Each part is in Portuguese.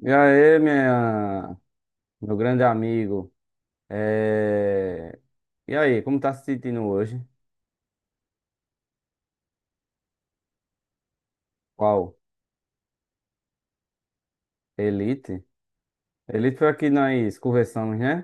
E aí, minha, meu grande amigo, é... e aí, como tá se sentindo hoje? Qual? Elite? Elite foi aqui que nós conversamos, né?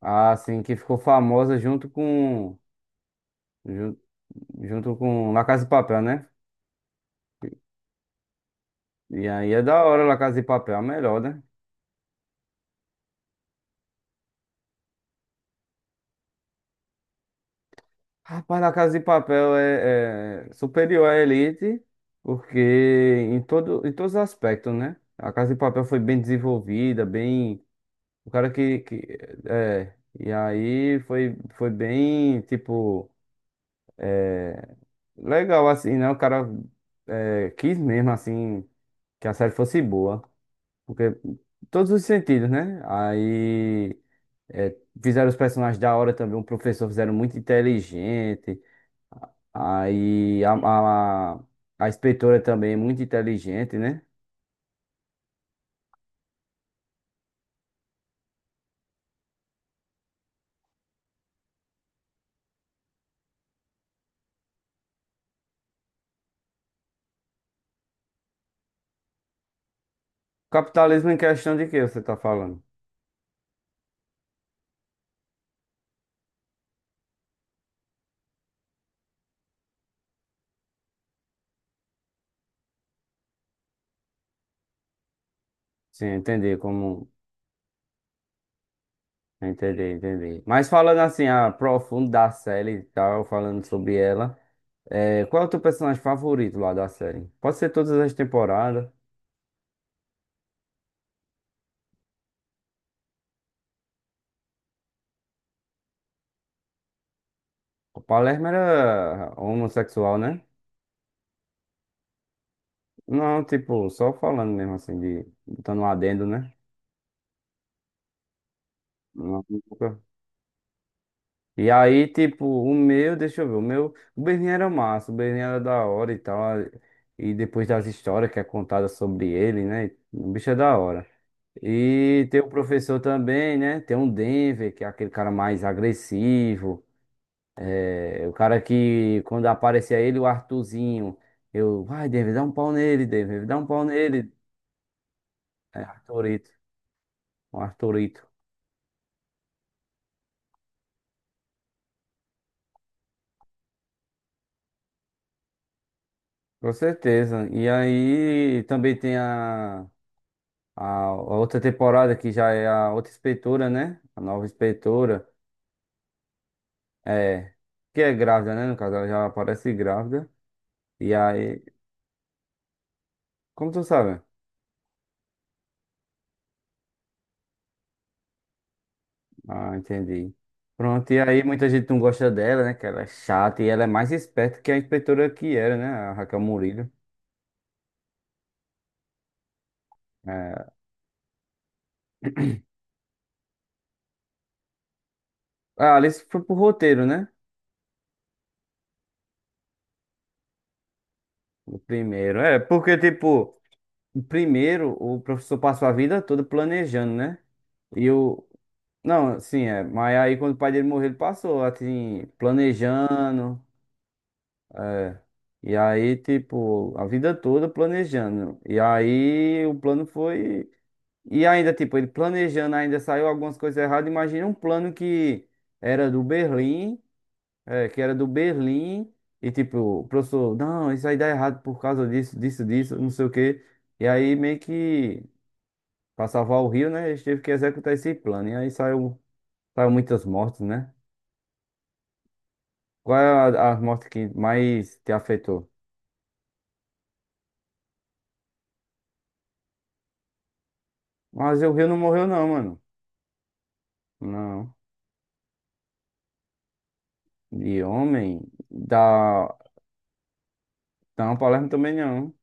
Ah, sim, que ficou famosa junto com ju- junto com La Casa de Papel, né? E aí é da hora La Casa de Papel, a melhor, né? Rapaz, La Casa de Papel é superior à Elite, porque em todos os aspectos, né? A Casa de Papel foi bem desenvolvida, bem. O cara que e aí foi, foi bem, tipo, legal assim, né? O cara, quis mesmo assim que a série fosse boa, porque todos os sentidos, né? Aí, é, fizeram os personagens da hora também, o professor fizeram muito inteligente, aí a, a, a inspetora também muito inteligente, né? Capitalismo em questão de que você tá falando? Sim, entender como. Entendi, entendi. Mas falando assim, a profundo da série e tal, falando sobre ela, qual é o teu personagem favorito lá da série? Pode ser todas as temporadas. O Palermo era homossexual, né? Não, tipo, só falando mesmo assim, de, botando um adendo, né? Não, nunca. E aí, tipo, deixa eu ver, o meu, o Berlim era massa, o Berlim era da hora e tal. E depois das histórias que é contada sobre ele, né? O bicho é da hora. E tem o professor também, né? Tem um Denver, que é aquele cara mais agressivo. É, o cara que, quando aparecia ele, o Arthurzinho. Eu, vai, Denver, dá um pau nele, Denver, dá um pau nele. É, Arthurito, o Arthurito. Com certeza. E aí também tem a. A outra temporada que já é a outra inspetora, né? A nova inspetora. É. Que é grávida, né? No caso, ela já aparece grávida. E aí, como tu sabe? Ah, entendi. Pronto, e aí muita gente não gosta dela, né? Que ela é chata e ela é mais esperta que a inspetora que era, né? A Raquel Murillo. É. A Alice foi pro roteiro, né? O primeiro. É, porque, tipo, o primeiro o professor passou a vida toda planejando, né? E eu. Não, sim, é. Mas aí quando o pai dele morreu, ele passou, assim, planejando. E aí, tipo, a vida toda planejando. E aí o plano foi. E ainda, tipo, ele planejando, ainda saiu algumas coisas erradas. Imagina um plano que era do Berlim, é, que era do Berlim. E tipo, o professor, não, isso aí dá errado por causa disso, disso, disso, não sei o quê. E aí meio que, pra salvar o Rio, né? Eles teve que executar esse plano. E aí saiu muitas mortes, né? Qual é a morte que mais te afetou? Mas o Rio não morreu não, mano. Não. De homem, da, da Palermo também não.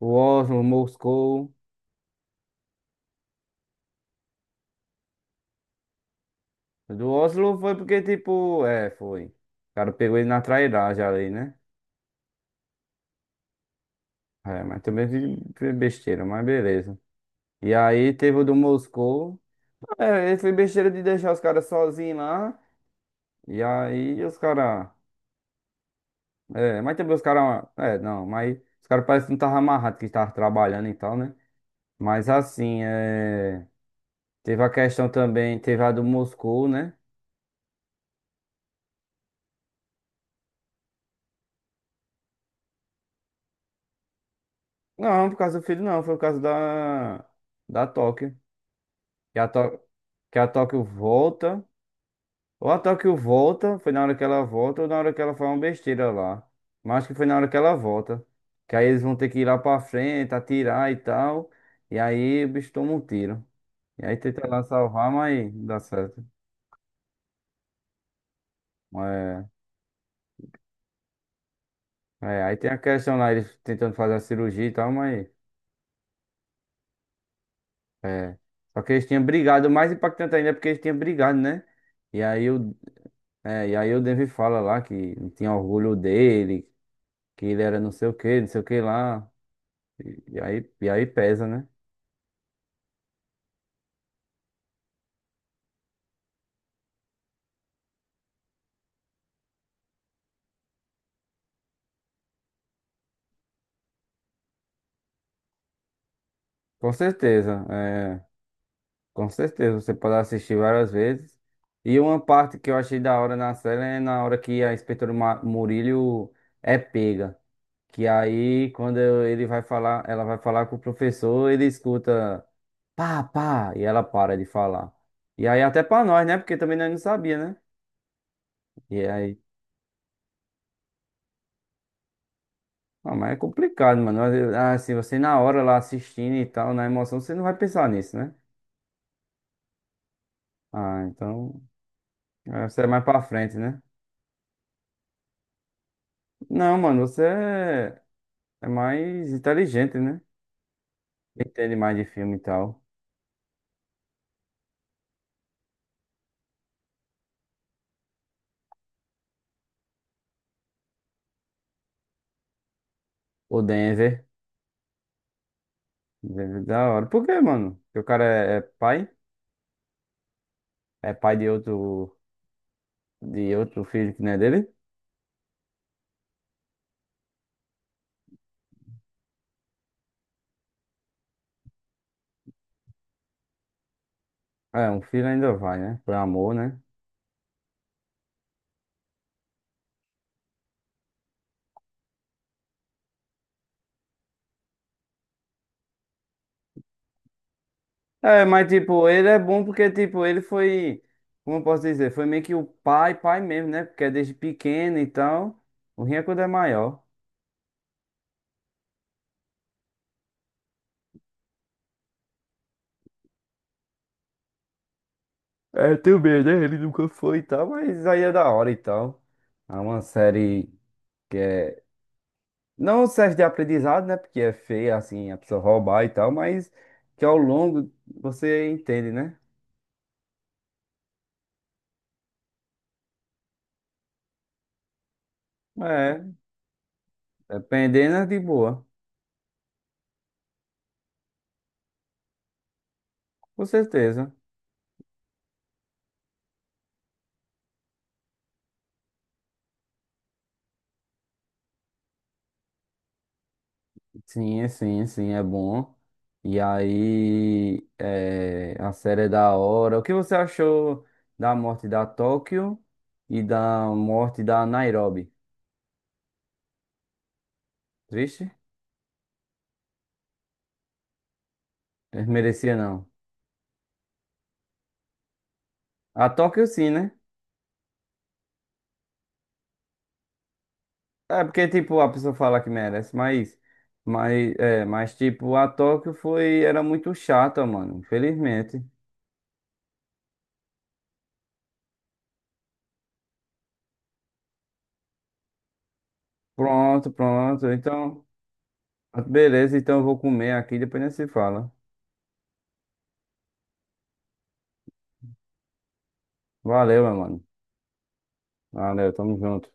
O Oslo, Moscou. Do Oslo foi porque, tipo, foi. O cara pegou ele na trairagem ali, né? É, mas também foi besteira, mas beleza. E aí teve o do Moscou. É, ele foi besteira de deixar os caras sozinhos lá. E aí os caras. É, mas também os caras. É, não, mas os caras parecem que não estavam amarrados que estavam trabalhando e tal, né? Mas assim, teve a questão também, teve a do Moscou, né? Não, por causa do filho, não, foi por causa da, da Tóquio. Que a, Tó... que a Tóquio volta. Ou a Tóquio volta, foi na hora que ela volta, ou na hora que ela faz uma besteira lá. Mas acho que foi na hora que ela volta. Que aí eles vão ter que ir lá pra frente, atirar e tal. E aí o bicho toma um tiro. E aí tenta lá salvar, mas não dá certo. É, aí tem a questão lá, eles tentando fazer a cirurgia e tal, mas. É. Só que eles tinham brigado, o mais impactante ainda é porque eles tinham brigado, né? E aí o, é, e aí o Denver fala lá que não tinha orgulho dele, que ele era não sei o que, não sei o que lá. E aí pesa, né? Com certeza, com certeza, você pode assistir várias vezes. E uma parte que eu achei da hora na série é na hora que a Murillo é pega. Que aí, ele vai falar, ela vai falar com o professor, ele escuta pá, pá, e ela para de falar. E aí, até pra nós, né? Porque também nós não sabia, né? E aí, ah, mas é complicado, mano. Ah, se você na hora lá assistindo e tal, na emoção, você não vai pensar nisso, né? Ah, então, você é mais pra frente, né? Não, mano, é mais inteligente, né? Entende mais de filme e tal. O Denver, Denver é da hora. Por quê, mano? Porque o cara é pai? É pai de outro. De outro filho que não é dele? É, um filho ainda vai, né? Por amor, né? É, mas tipo, ele é bom porque, tipo, como eu posso dizer, foi meio que o pai, pai mesmo, né? Porque é desde pequeno e tal. O ruim é quando é maior. É, também, né? Ele nunca foi e tal, mas aí é da hora e tal. É uma série que é. Não serve de aprendizado, né? Porque é feia, assim, a pessoa roubar e tal, mas que ao longo você entende, né? É, dependendo é de boa, com certeza. Sim, sim, sim, é bom. E aí, a série é da hora. O que você achou da morte da Tóquio e da morte da Nairobi? Triste? Eh, merecia não. A Tóquio sim, né? É porque, tipo, a pessoa fala que merece, mas, mas tipo, era muito chata, mano, infelizmente. Pronto, pronto. Então, beleza, então eu vou comer aqui, depois a gente se fala. Valeu, meu mano. Valeu, tamo junto.